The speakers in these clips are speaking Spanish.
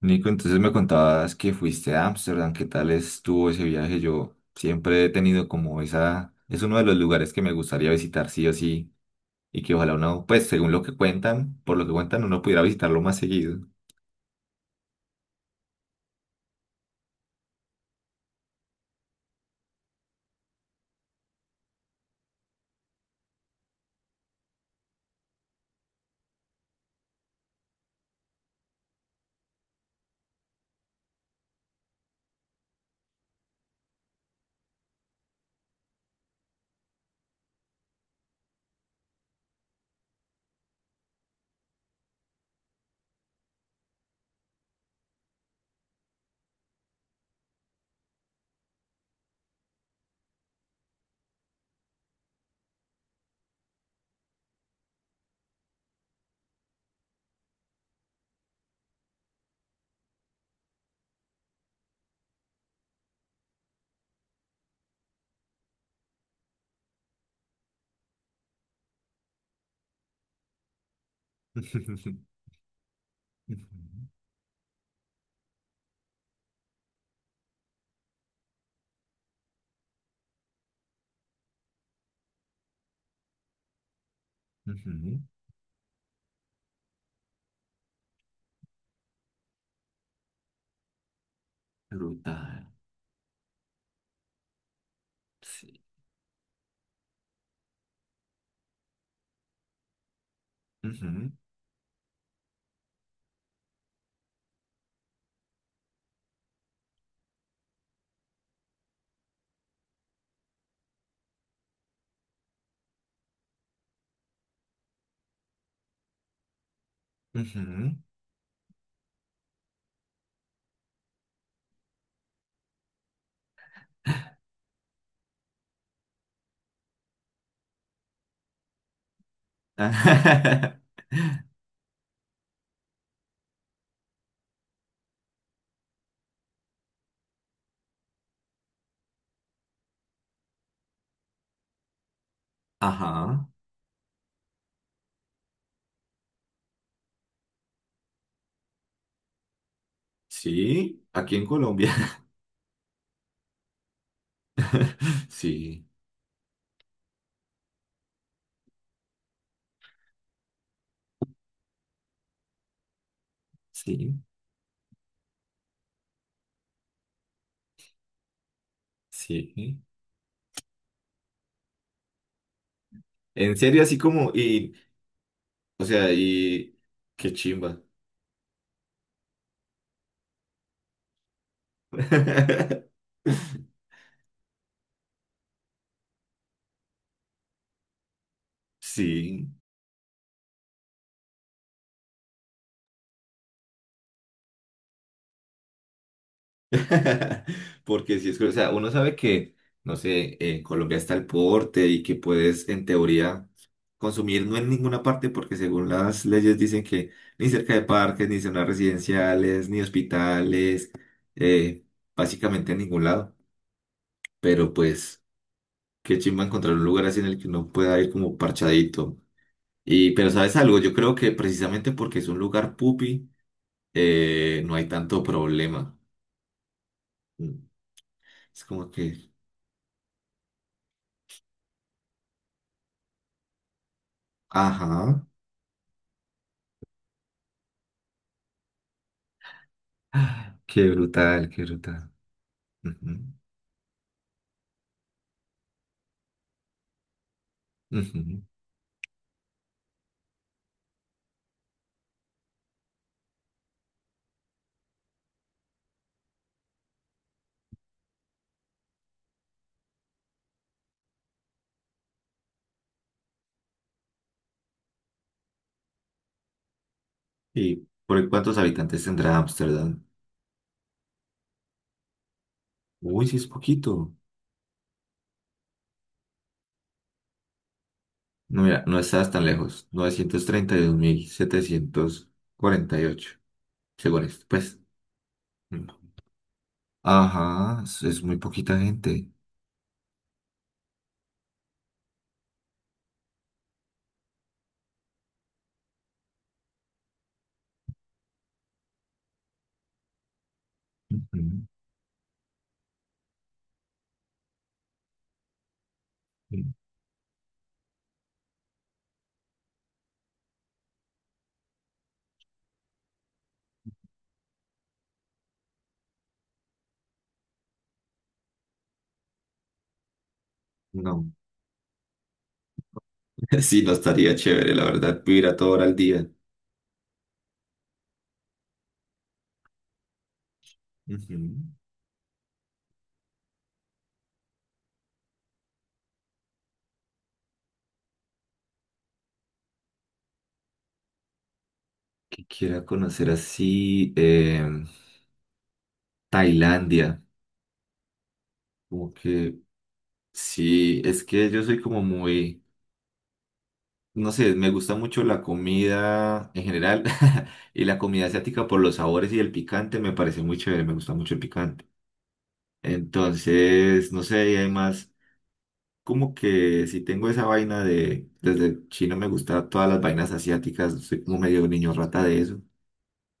Nico, entonces me contabas que fuiste a Ámsterdam, ¿qué tal estuvo ese viaje? Yo siempre he tenido como esa, es uno de los lugares que me gustaría visitar sí o sí, y que ojalá uno, pues según lo que cuentan, por lo que cuentan, uno pudiera visitarlo más seguido. Ujú, ujú. Brutal. Sí. Ujú, ujú. Ajá. Sí, aquí en Colombia. Sí, sí, sí. En serio, así como, y, o sea, y qué chimba. Sí, porque si es, que, o sea, uno sabe que, no sé, en Colombia está el porte y que puedes, en teoría, consumir no en ninguna parte, porque según las leyes dicen que ni cerca de parques, ni zonas residenciales, ni hospitales, eh, básicamente en ningún lado. Pero pues, qué chimba encontrar un lugar así en el que uno pueda ir como parchadito. Y, pero ¿sabes algo? Yo creo que precisamente porque es un lugar pupi, no hay tanto problema. Mm. Es como que, ajá, qué brutal, qué brutal. Ujú, ujú. ¿Y por cuántos habitantes tendrá Ámsterdam? Uy, sí es poquito. No, mira, no estás tan lejos. 932.748, según esto, pues. Mm. Ajá, es muy poquita gente. Ujú, mm. No. Sí, no estaría chévere, la verdad, vivir a toda hora al día. Ujú. Que quiera conocer así Tailandia. Como que sí, es que yo soy como muy, no sé, me gusta mucho la comida en general y la comida asiática por los sabores y el picante me parece muy chévere, me gusta mucho el picante. Entonces, no sé, y además, como que si tengo esa vaina de, desde chino me gusta todas las vainas asiáticas, soy como medio niño rata de eso.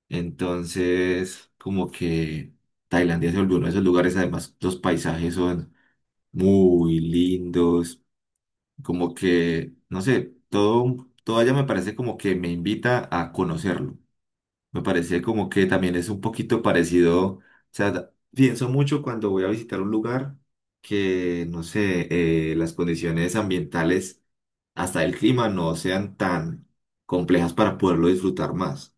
Entonces, como que Tailandia se volvió uno de esos lugares, además los paisajes son muy lindos, como que, no sé, todo allá me parece como que me invita a conocerlo. Me parece como que también es un poquito parecido, o sea, pienso mucho cuando voy a visitar un lugar que, no sé, las condiciones ambientales, hasta el clima, no sean tan complejas para poderlo disfrutar más.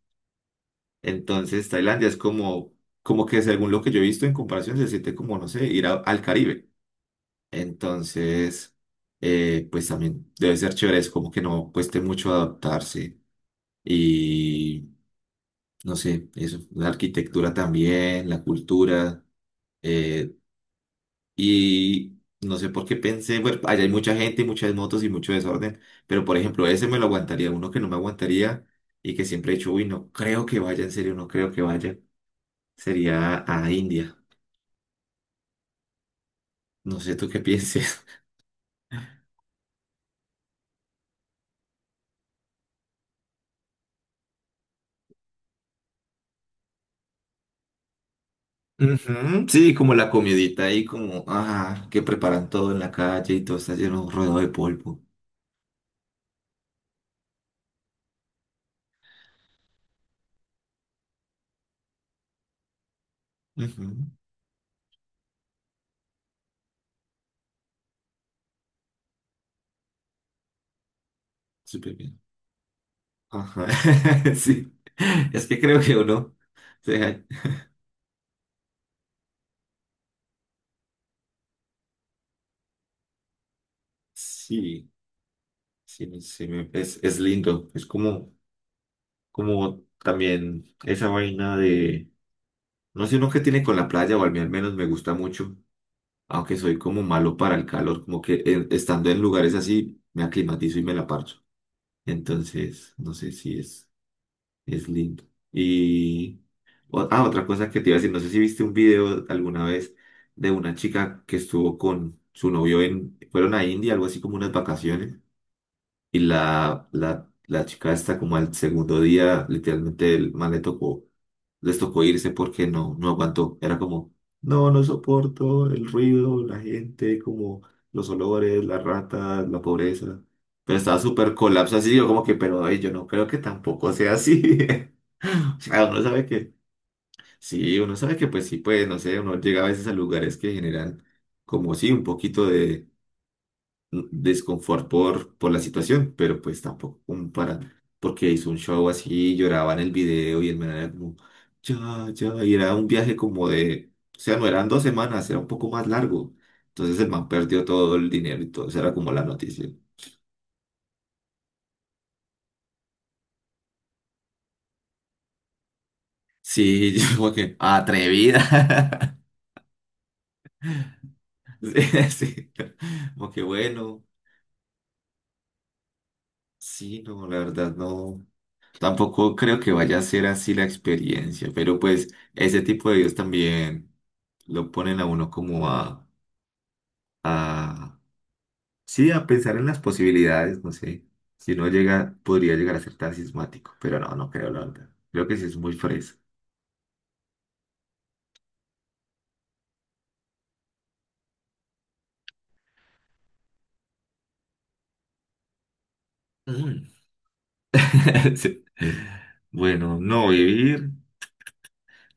Entonces, Tailandia es como, como que según lo que yo he visto en comparación, se siente como, no sé, al Caribe. Entonces, pues también debe ser chévere, es como que no cueste mucho adaptarse. Y no sé, eso, la arquitectura también, la cultura. eh, y no sé por qué pensé, bueno, allá hay mucha gente, muchas motos y mucho desorden, pero por ejemplo, ese me lo aguantaría, uno que no me aguantaría y que siempre he dicho, uy, no creo que vaya, en serio, no creo que vaya, sería a India. No sé tú qué pienses. Ujú. Sí, como la comidita ahí, como, ah, que preparan todo en la calle y todo está lleno, rodeado de polvo. Ujú. Súper bien. Ajá, sí. Es que creo que uno se deja- sí, sí, no sé, es lindo. Es como, como también esa vaina de, no sé, uno que tiene con la playa, o a mí al menos me gusta mucho, aunque soy como malo para el calor, como que estando en lugares así, me aclimatizo y me la parcho. Entonces, no sé si es. Es lindo. Y otra cosa que te iba a decir, no sé si viste un video alguna vez de una chica que estuvo con su novio en, fueron a India, algo así como unas vacaciones, y la chica está como al segundo día, literalmente el man le tocó, les tocó irse porque no, no aguantó. Era como, no, no soporto el ruido, la gente, como los olores, las ratas, la pobreza. Pero estaba súper colapso así, yo como que, pero ay, yo no creo que tampoco sea así. Ah, uno sabe que, sí, uno sabe que pues sí, pues no sé, uno llega a veces a lugares que generan como sí, un poquito de mm, desconfort por la situación, pero pues tampoco como para, porque hizo un show así, lloraba en el video y el man era como, ya, ya, y era un viaje como de, o sea, no eran dos semanas, era un poco más largo. Entonces el man perdió todo el dinero y todo, esa era como la noticia. Sí, yo como que, atrevida. Sí, sí. Como que bueno. Sí, no, la verdad no, tampoco creo que vaya a ser así la experiencia, pero pues ese tipo de videos también lo ponen a uno como a, sí, a pensar en las posibilidades, no sé, si no llega, podría llegar a ser tan sismático, pero no, no creo, la verdad, creo que sí es muy fresa. Mm. Sí. Bueno, no vivir,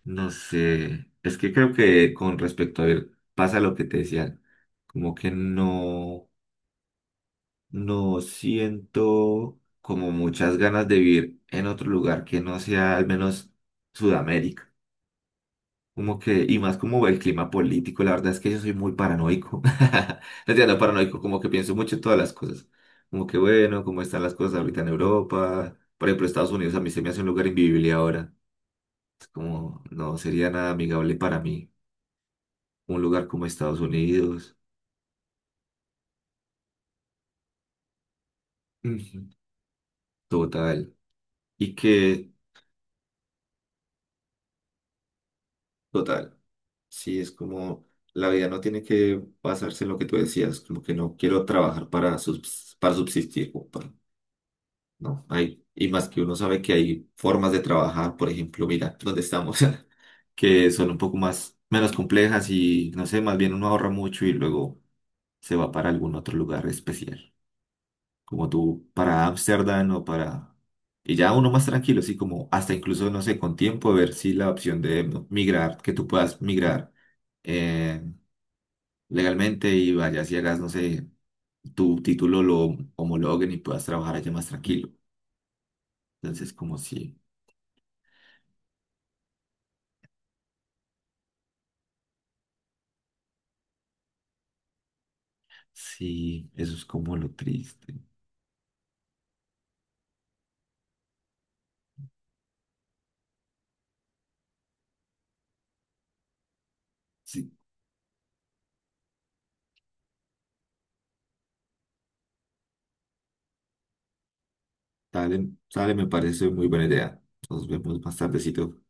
no sé, es que creo que con respecto a ver, pasa lo que te decía, como que no. No siento como muchas ganas de vivir en otro lugar que no sea al menos Sudamérica. Como que, y más como el clima político, la verdad es que yo soy muy paranoico. No entiendo, paranoico, como que pienso mucho en todas las cosas. Como que bueno, cómo están las cosas ahorita en Europa. Por ejemplo, Estados Unidos a mí se me hace un lugar invivible ahora. Es como, no sería nada amigable para mí. Un lugar como Estados Unidos. Ujú. Total. Y que, total. Sí, es como la vida no tiene que basarse en lo que tú decías, como que no quiero trabajar para, para subsistir, como no, hay, y más que uno sabe que hay formas de trabajar, por ejemplo, mira, donde estamos, que son un poco más, menos complejas y no sé, más bien uno ahorra mucho y luego se va para algún otro lugar especial, como tú para Ámsterdam o para, y ya uno más tranquilo, así como hasta incluso, no sé, con tiempo, ver si la opción de ¿no? migrar, que tú puedas migrar. eh, Legalmente y vayas y hagas, no sé, tu título lo homologuen y puedas trabajar allá más tranquilo. Entonces, como si, sí, eso es como lo triste. Sí, dale, dale, me parece muy buena idea. Nos vemos más tardecito.